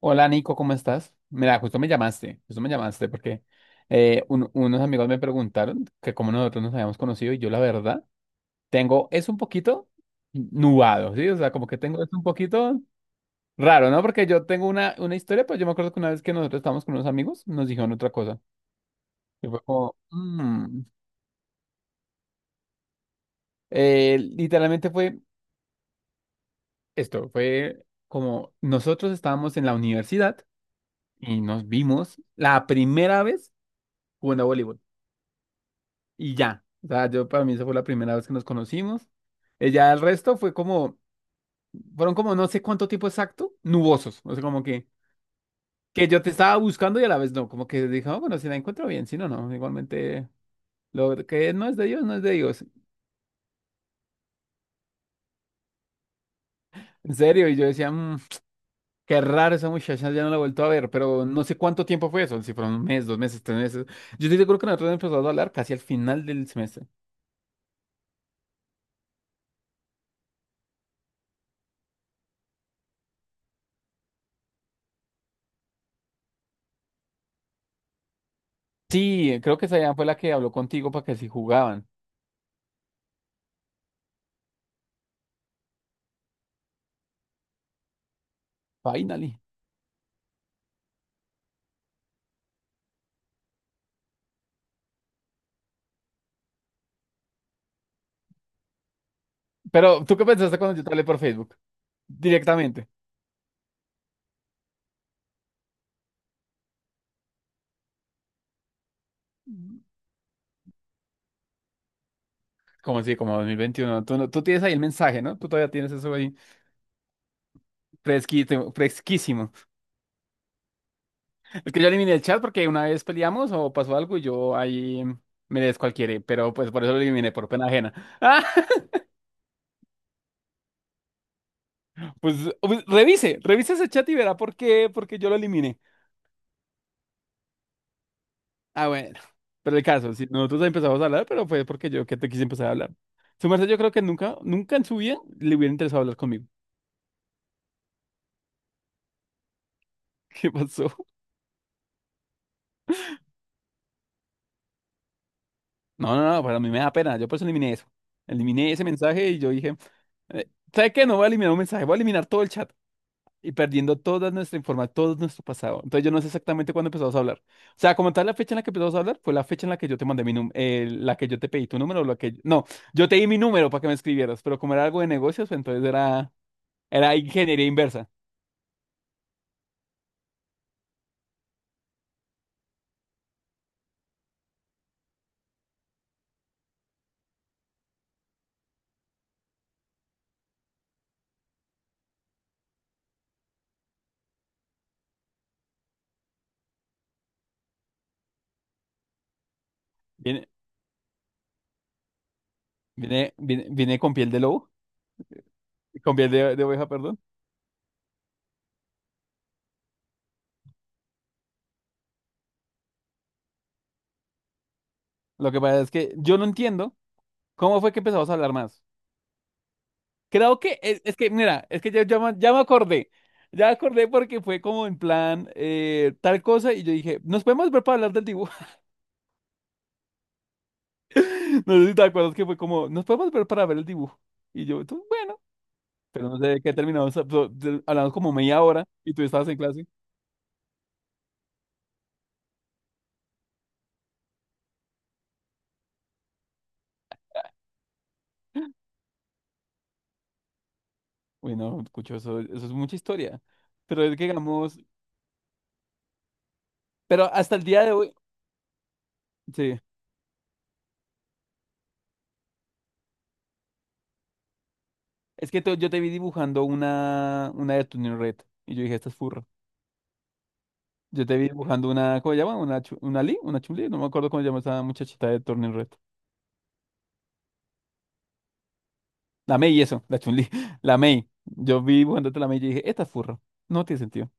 Hola Nico, ¿cómo estás? Mira, justo me llamaste porque unos amigos me preguntaron que cómo nosotros nos habíamos conocido y yo la verdad tengo, es un poquito nubado, ¿sí? O sea, como que tengo es un poquito raro, ¿no? Porque yo tengo una historia, pues yo me acuerdo que una vez que nosotros estábamos con unos amigos nos dijeron otra cosa y fue como, literalmente fue esto, fue como nosotros estábamos en la universidad y nos vimos la primera vez jugando a voleibol. Y ya. O sea, yo para mí esa fue la primera vez que nos conocimos. Ella, el resto fue como, fueron como no sé cuánto tiempo exacto, nubosos. O sea, como que yo te estaba buscando y a la vez no, como que dije, "Ah, bueno, si la encuentro bien, si no, no, igualmente lo que no es de Dios, no es de Dios". En serio, y yo decía, qué raro esa muchacha, ya no la he vuelto a ver", pero no sé cuánto tiempo fue eso, si fueron un mes, 2 meses, 3 meses. Yo estoy seguro que nosotros empezamos a hablar casi al final del semestre. Sí, creo que esa ya fue la que habló contigo para que si jugaban. Finally. Pero, ¿tú qué pensaste cuando yo te hablé por Facebook? Directamente. Como así, como 2021. Tú, no- tú tienes ahí el mensaje, ¿no? Tú todavía tienes eso ahí fresquito, fresquísimo. Es que yo eliminé el chat porque una vez peleamos o pasó algo y yo ahí me descualquiera, pero pues por eso lo eliminé, por pena ajena. Ah, pues, revise ese chat y verá por qué yo lo eliminé. Ah, bueno. Pero el caso, si nosotros empezamos a hablar, pero fue porque yo que te quise empezar a hablar. Su merced, yo creo que nunca, nunca en su vida le hubiera interesado hablar conmigo. ¿Qué pasó? No, no, no, pero a mí me da pena. Yo por eso. Eliminé ese mensaje y yo dije, eh, ¿sabe qué? No voy a eliminar un mensaje, voy a eliminar todo el chat y perdiendo toda nuestra información, todo nuestro pasado. Entonces yo no sé exactamente cuándo empezamos a hablar. O sea, como tal, la fecha en la que empezamos a hablar fue la fecha en la que yo te mandé mi número, la que yo te pedí tu número, la que... No, yo te di mi número para que me escribieras, pero como era algo de negocios, pues, entonces era ingeniería inversa. Viene, viene con piel de lobo, con piel de oveja, perdón. Lo que pasa es que yo no entiendo cómo fue que empezamos a hablar más. Creo que es que, mira, es que ya me acordé. Ya me acordé porque fue como en plan tal cosa y yo dije, nos podemos ver para hablar del dibujo. No sé si te acuerdas que fue como, nos podemos ver para ver el dibujo. Y yo, tú, bueno, pero no sé de qué terminamos. Hablamos como media hora y tú estabas en clase. Uy, no, escucho, eso es mucha historia. Pero es que digamos, pero hasta el día de hoy, sí, es que yo te vi dibujando una de tu Red y yo dije, esta es furra. Yo te vi dibujando una, ¿cómo se llama? Una Chun-Li, no me acuerdo cómo se llama esa muchachita de Turning Red. La Mei, eso, la Chun-Li, la Mei. Yo vi dibujándote la Mei y dije, esta es furro, no tiene sentido.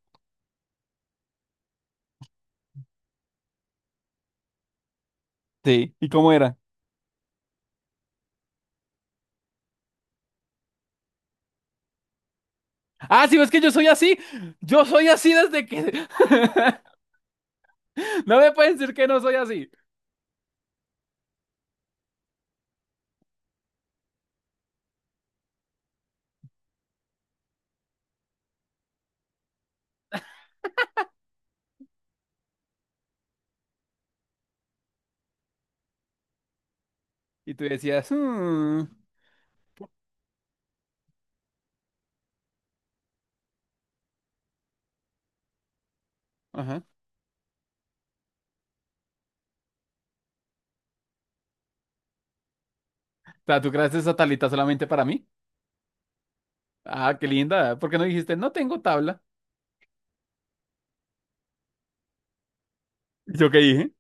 Sí, ¿y cómo era? Ah, sí, es que yo soy así desde que... No me pueden decir que no soy así. Y tú decías, "Mm, ajá". O sea, ¿tú creaste esa tablita solamente para mí? Ah, qué linda, ¿por qué no dijiste, no tengo tabla? ¿Yo qué dije?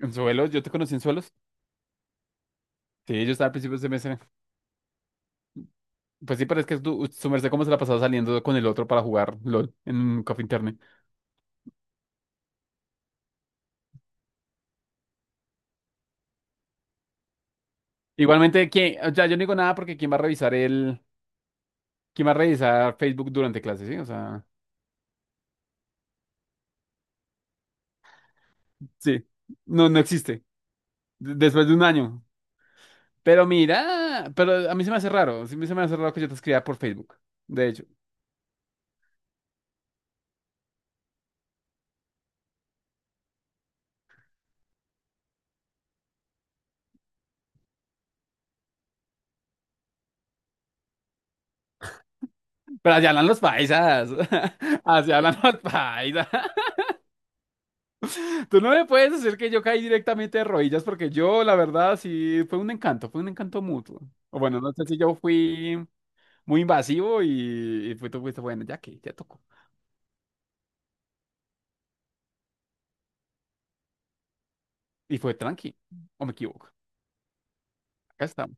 ¿En suelos? ¿Yo te conocí en suelos? Sí, yo estaba al principio de semestre. Pues sí, pero es que su merced cómo se la ha pasado saliendo con el otro para jugar LOL en Coffee Internet. Igualmente, ¿quién? O sea, yo no digo nada porque ¿quién va a revisar? ¿Quién va a revisar Facebook durante clase, sí? O sea, sí. No, no existe. Después de un año. Pero mira, pero a mí se me hace raro. Sí, se me hace raro que yo te escriba por Facebook. De hecho. Pero así hablan los paisas. Así hablan los paisas. Tú no me puedes decir que yo caí directamente de rodillas porque yo, la verdad, sí, fue un encanto mutuo. O bueno, no sé si yo fui muy invasivo y fue, tú fuiste, bueno, ya que, ya tocó. Y fue tranqui, o me equivoco. Acá estamos.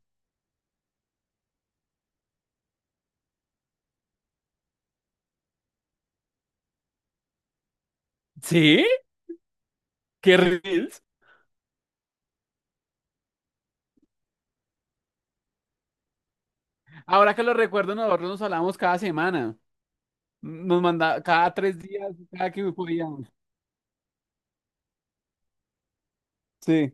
¿Sí? ¿Qué reels? Ahora que lo recuerdo, nosotros nos hablábamos cada semana. Nos mandaba cada 3 días, cada que podíamos. Sí.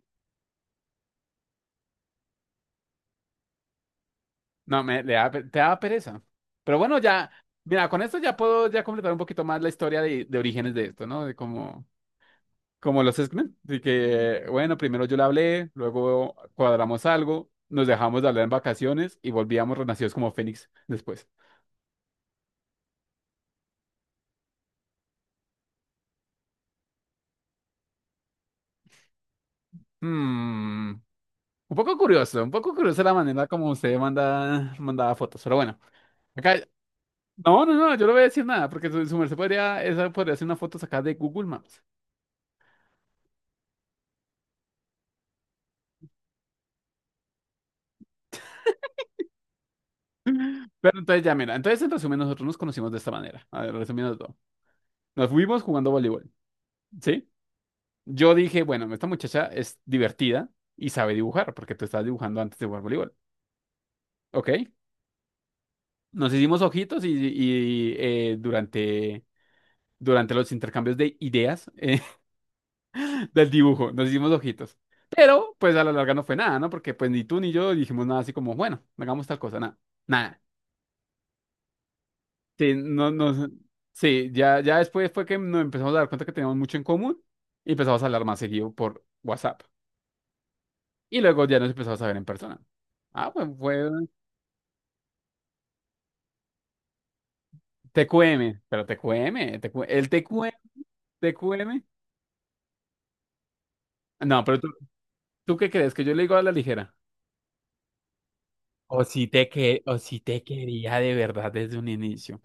No, me, le da pe- te daba pereza. Pero bueno, ya, mira, con esto ya puedo ya completar un poquito más la historia de orígenes de esto, ¿no? De cómo... Como los X-Men, así que, bueno, primero yo le hablé, luego cuadramos algo, nos dejamos de hablar en vacaciones y volvíamos renacidos como Fénix después. Hmm, un poco curiosa la manera como usted mandaba fotos, pero bueno, acá, no, no, no, yo no voy a decir nada, porque su merced esa podría ser una foto sacada de Google Maps. Pero entonces ya, mira, entonces en resumen nosotros nos conocimos de esta manera, a ver, resumiendo todo. Nos fuimos jugando voleibol, ¿sí? Yo dije, bueno, esta muchacha es divertida y sabe dibujar, porque tú estabas dibujando antes de jugar voleibol. Ok. Nos hicimos ojitos durante los intercambios de ideas del dibujo, nos hicimos ojitos. Pero, pues a la larga no fue nada, ¿no? Porque pues ni tú ni yo dijimos nada así como, bueno, hagamos tal cosa, nada. Nada. Sí, no, sí, ya después fue que nos empezamos a dar cuenta que teníamos mucho en común y empezamos a hablar más seguido por WhatsApp. Y luego ya nos empezamos a ver en persona. Ah, pues fue TQM, pero TQM, TQ el TQM, TQM. No, pero ¿tú qué crees? ¿Que yo le digo a la ligera? O si te quería de verdad desde un inicio.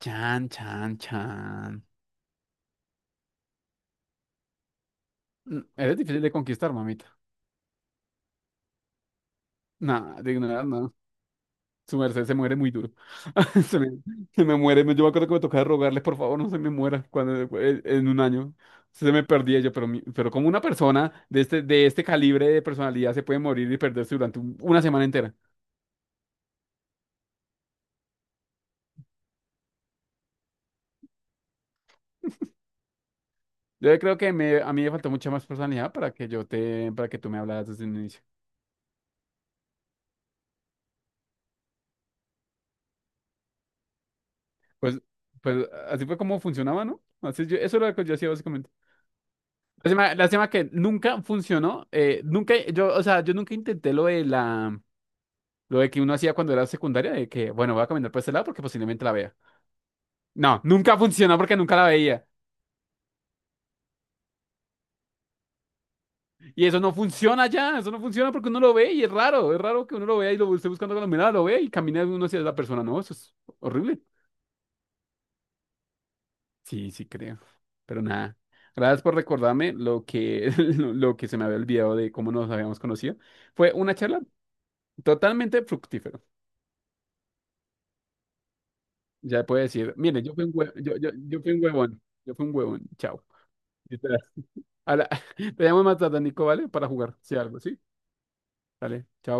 Chan, chan, chan. Eres difícil de conquistar, mamita. No, de ignorar, no. Su merced se muere muy duro. Se me, se me muere. Yo me acuerdo que me tocaba rogarle, por favor, no se me muera cuando, en un año. Se me perdía yo, pero, pero como una persona de este, calibre de personalidad se puede morir y perderse durante una semana entera. Yo creo que a mí me faltó mucha más personalidad para que para que tú me hablaras desde el inicio. Pues, pues, así fue como funcionaba, ¿no? Así yo, eso era lo que yo hacía básicamente. Lástima, lástima que nunca funcionó. Nunca, yo, o sea, yo nunca intenté lo de lo de que uno hacía cuando era secundaria, de que, bueno, voy a caminar por este lado porque posiblemente la vea. No, nunca funcionó porque nunca la veía. Y eso no funciona ya, eso no funciona porque uno lo ve y es raro que uno lo vea y lo esté buscando con la mirada, lo ve y camina uno hacia la persona. No, eso es horrible. Sí, sí creo. Pero nada. Gracias por recordarme lo que, lo que se me había olvidado de cómo nos habíamos conocido. Fue una charla totalmente fructífera. Ya puedo decir, mire, yo fui un huevón. Yo fui un huevón. Chao. Literal. A Te llamo más tarde, Nico, ¿vale? Para jugar, si algo, ¿sí? Dale, chao.